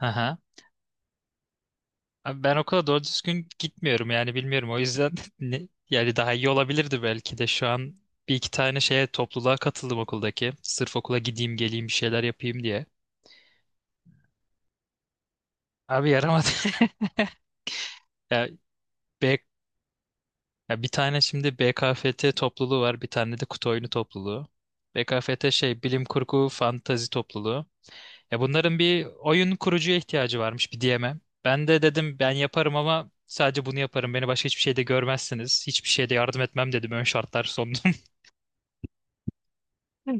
Aha. Abi ben okula doğru düzgün gitmiyorum yani bilmiyorum. O yüzden yani daha iyi olabilirdi belki de şu an bir iki tane şeye topluluğa katıldım okuldaki. Sırf okula gideyim geleyim bir şeyler yapayım diye. Abi yaramadı. Ya, B, ya, bir tane şimdi BKFT topluluğu var, bir tane de kutu oyunu topluluğu. BKFT şey bilim kurgu fantazi topluluğu. Ya bunların bir oyun kurucuya ihtiyacı varmış, bir DM'ye. Ben de dedim ben yaparım ama sadece bunu yaparım. Beni başka hiçbir şeyde görmezsiniz. Hiçbir şeyde yardım etmem dedim. Ön şartlar sundum.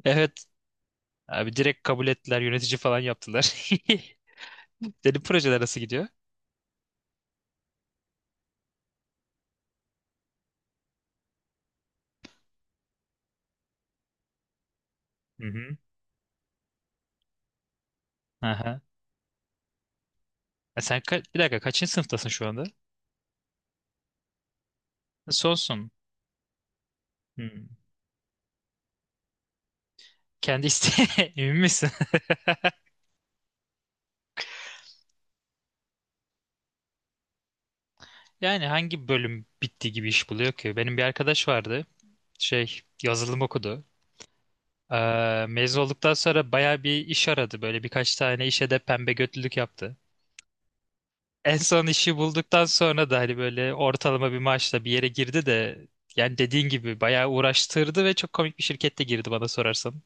Evet. Abi direkt kabul ettiler. Yönetici falan yaptılar. Dedim projeler nasıl gidiyor? Hı hı. Aha. E sen bir dakika kaçıncı sınıftasın şu anda? Sonsun. Hmm. Kendi isteğe emin misin? Yani hangi bölüm bitti gibi iş buluyor ki? Benim bir arkadaş vardı. Şey yazılım okudu. Mezun olduktan sonra baya bir iş aradı. Böyle birkaç tane işe de pembe götlülük yaptı. En son işi bulduktan sonra da hani böyle ortalama bir maaşla bir yere girdi de yani dediğin gibi bayağı uğraştırdı ve çok komik bir şirkette girdi bana sorarsan.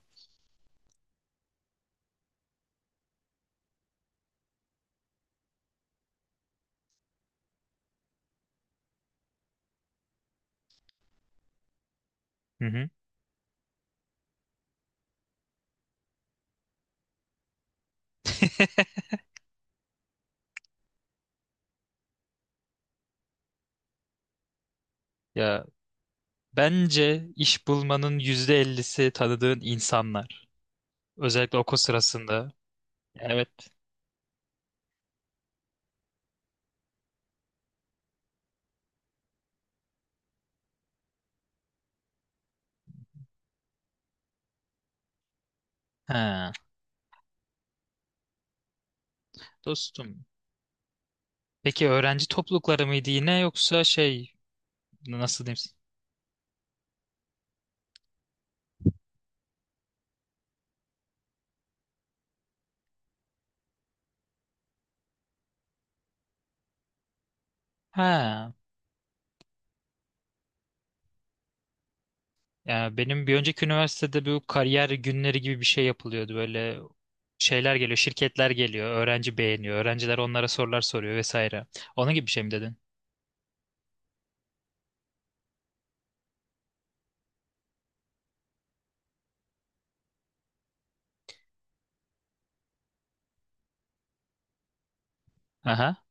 Hı hı. Ya, bence iş bulmanın %50'si tanıdığın insanlar. Özellikle okul sırasında. Evet. Ha, dostum. Peki öğrenci toplulukları mıydı yine, yoksa şey, nasıl diyeyim? Ha. Yani benim bir önceki üniversitede bu kariyer günleri gibi bir şey yapılıyordu. Böyle şeyler geliyor, şirketler geliyor, öğrenci beğeniyor, öğrenciler onlara sorular soruyor vesaire. Onun gibi bir şey mi dedin? Aha.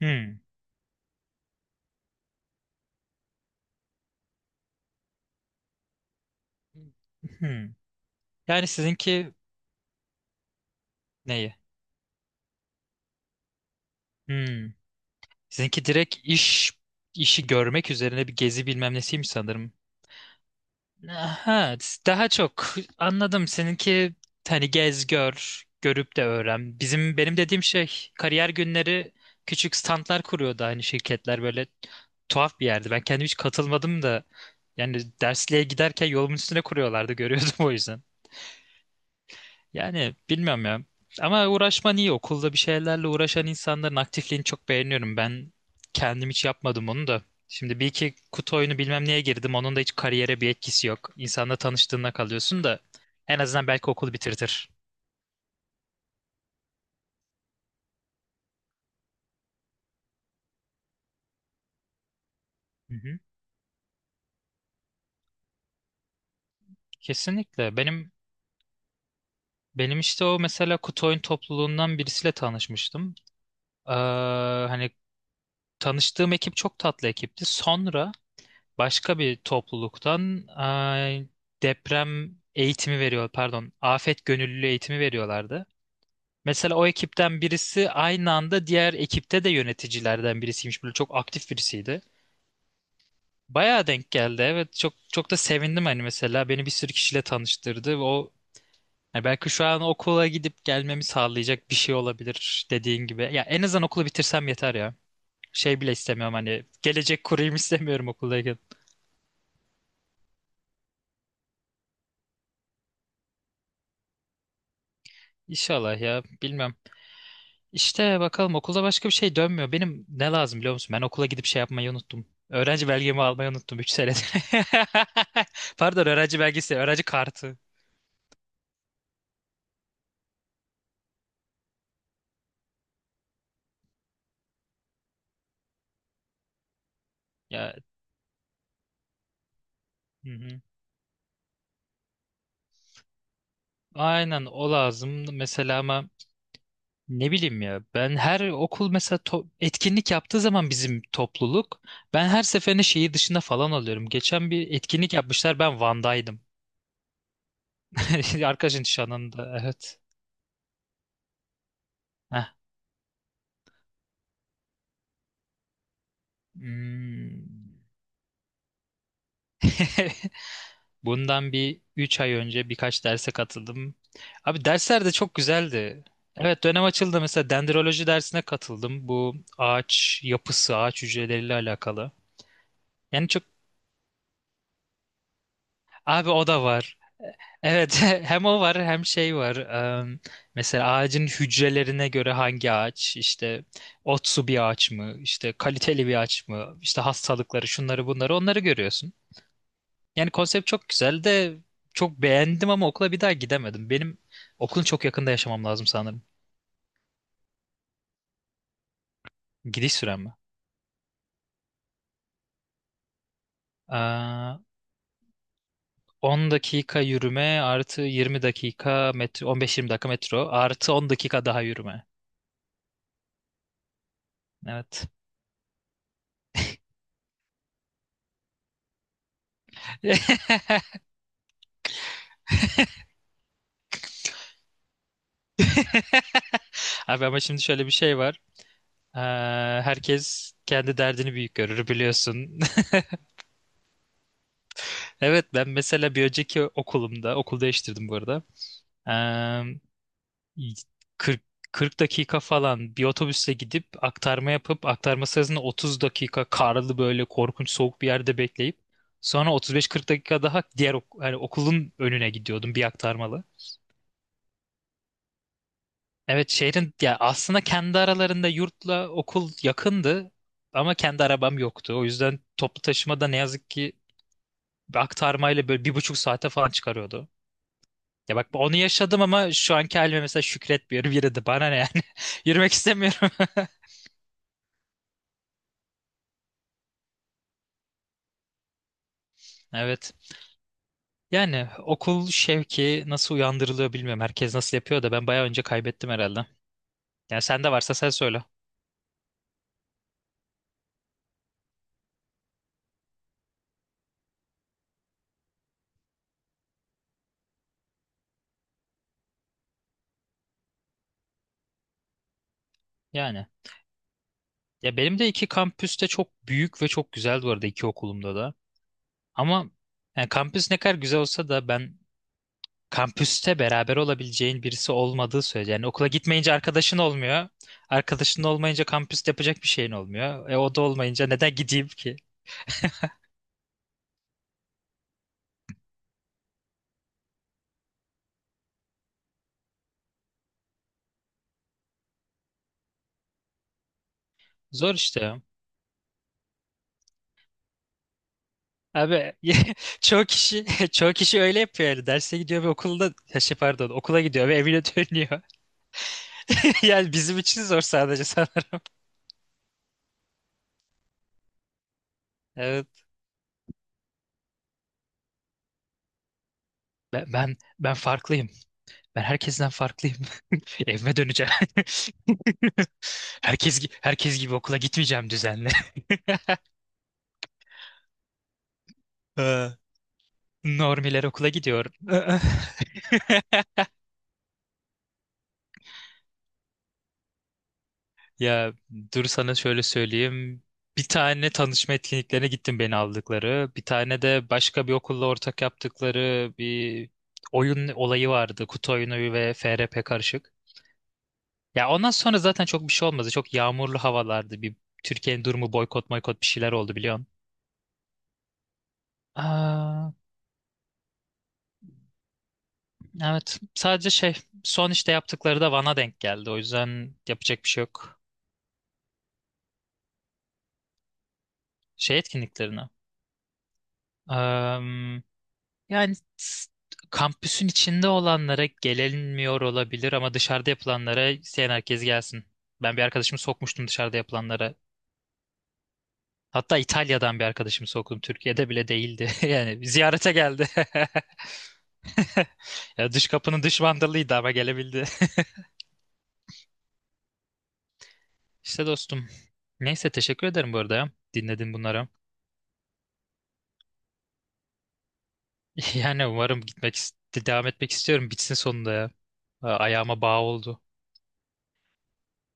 Hmm. Hmm. Yani sizinki neyi? Hmm. Sizinki direkt işi görmek üzerine bir gezi bilmem nesiymiş sanırım. Ha, daha çok anladım. Seninki hani gez gör, görüp de öğren. Benim dediğim şey kariyer günleri, küçük standlar kuruyordu aynı şirketler, böyle tuhaf bir yerdi. Ben kendim hiç katılmadım da yani dersliğe giderken yolumun üstüne kuruyorlardı, görüyordum o yüzden. Yani bilmiyorum ya. Ama uğraşman iyi. Okulda bir şeylerle uğraşan insanların aktifliğini çok beğeniyorum. Ben kendim hiç yapmadım onu da. Şimdi bir iki kutu oyunu bilmem neye girdim. Onun da hiç kariyere bir etkisi yok. İnsanla tanıştığına kalıyorsun da en azından belki okul bitirtir. Hı hı. Kesinlikle. Benim işte o mesela kutu oyun topluluğundan birisiyle tanışmıştım. Ee, hani tanıştığım ekip çok tatlı ekipti. Sonra başka bir topluluktan, deprem eğitimi veriyor, pardon, afet gönüllülüğü eğitimi veriyorlardı. Mesela o ekipten birisi aynı anda diğer ekipte de yöneticilerden birisiymiş. Böyle çok aktif birisiydi. Bayağı denk geldi. Evet, çok çok da sevindim hani, mesela beni bir sürü kişiyle tanıştırdı ve o yani belki şu an okula gidip gelmemi sağlayacak bir şey olabilir dediğin gibi. Ya, en azından okulu bitirsem yeter ya. Şey bile istemiyorum hani, gelecek kurayım istemiyorum okuldayken. İnşallah ya, bilmem. İşte bakalım, okulda başka bir şey dönmüyor. Benim ne lazım biliyor musun? Ben okula gidip şey yapmayı unuttum. Öğrenci belgemi almayı unuttum 3 senedir. Pardon, öğrenci belgesi, öğrenci kartı. Ya, hı hı. Aynen o lazım mesela ama ne bileyim ya, ben her okul mesela etkinlik yaptığı zaman bizim topluluk, ben her seferinde şehir dışında falan alıyorum. Geçen bir etkinlik yapmışlar, ben Van'daydım. Arkadaşın nişanında, evet. Heh. Hmm. Bundan bir 3 ay önce birkaç derse katıldım. Abi dersler de çok güzeldi. Evet, dönem açıldı mesela, dendroloji dersine katıldım. Bu ağaç yapısı, ağaç hücreleriyle alakalı. Yani çok abi, o da var. Evet, hem o var hem şey var. Em, mesela ağacın hücrelerine göre hangi ağaç işte otsu bir ağaç mı işte kaliteli bir ağaç mı işte, hastalıkları şunları bunları onları görüyorsun. Yani konsept çok güzel de, çok beğendim ama okula bir daha gidemedim. Benim okulun çok yakında yaşamam lazım sanırım. Gidiş sürem mi? Aa, 10 dakika yürüme artı 20 dakika metro, 15-20 dakika metro artı 10 dakika daha yürüme. Evet. Abi ama şimdi şöyle bir şey var. Ee, herkes kendi derdini büyük görür biliyorsun. Evet, ben mesela bir önceki okulumda okul değiştirdim bu arada. 40 40 dakika falan bir otobüsle gidip aktarma yapıp, aktarma sırasında 30 dakika karlı böyle korkunç soğuk bir yerde bekleyip sonra 35-40 dakika daha diğer hani okulun önüne gidiyordum, bir aktarmalı. Evet, şehrin ya, aslında kendi aralarında yurtla okul yakındı ama kendi arabam yoktu. O yüzden toplu taşımada ne yazık ki aktarmayla böyle 1,5 saate falan çıkarıyordu. Ya bak, onu yaşadım ama şu anki halime mesela şükretmiyorum yine de, bana ne yani. Yürümek istemiyorum. Evet. Yani okul şevki nasıl uyandırılıyor bilmiyorum. Herkes nasıl yapıyor da ben bayağı önce kaybettim herhalde. Yani sende varsa sen söyle. Yani. Ya, benim de iki kampüste çok büyük ve çok güzel bu arada, iki okulumda da. Ama yani kampüs ne kadar güzel olsa da ben, kampüste beraber olabileceğin birisi olmadığı sürece. Yani okula gitmeyince arkadaşın olmuyor. Arkadaşın olmayınca kampüste yapacak bir şeyin olmuyor. E o da olmayınca neden gideyim ki? Zor işte. Abi çoğu kişi çoğu kişi öyle yapıyor yani, derse gidiyor ve okulda, ya şey pardon, okula gidiyor ve evine dönüyor. Yani bizim için zor, sadece sana. Evet. Ben farklıyım. Ben herkesten farklıyım. Evime döneceğim. Herkes gibi okula gitmeyeceğim düzenli. Ee, Normiler okula gidiyor. Ya dur, sana şöyle söyleyeyim. Bir tane tanışma etkinliklerine gittim, beni aldıkları. Bir tane de başka bir okulla ortak yaptıkları bir oyun olayı vardı. Kutu oyunu ve FRP karışık. Ya, ondan sonra zaten çok bir şey olmadı. Çok yağmurlu havalardı. Bir Türkiye'nin durumu, boykot boykot bir şeyler oldu biliyorsun. Aa, evet. Sadece şey, son işte yaptıkları da Van'a denk geldi. O yüzden yapacak bir şey yok. Şey etkinliklerine. Yani kampüsün içinde olanlara gelinmiyor olabilir ama dışarıda yapılanlara isteyen herkes gelsin. Ben bir arkadaşımı sokmuştum dışarıda yapılanlara. Hatta İtalya'dan bir arkadaşımı soktum. Türkiye'de bile değildi. Yani ziyarete geldi. Ya, dış kapının dış vandalıydı ama gelebildi. İşte dostum. Neyse, teşekkür ederim bu arada ya. Dinledin bunları. Yani umarım gitmek devam etmek istiyorum. Bitsin sonunda ya. Ayağıma bağ oldu.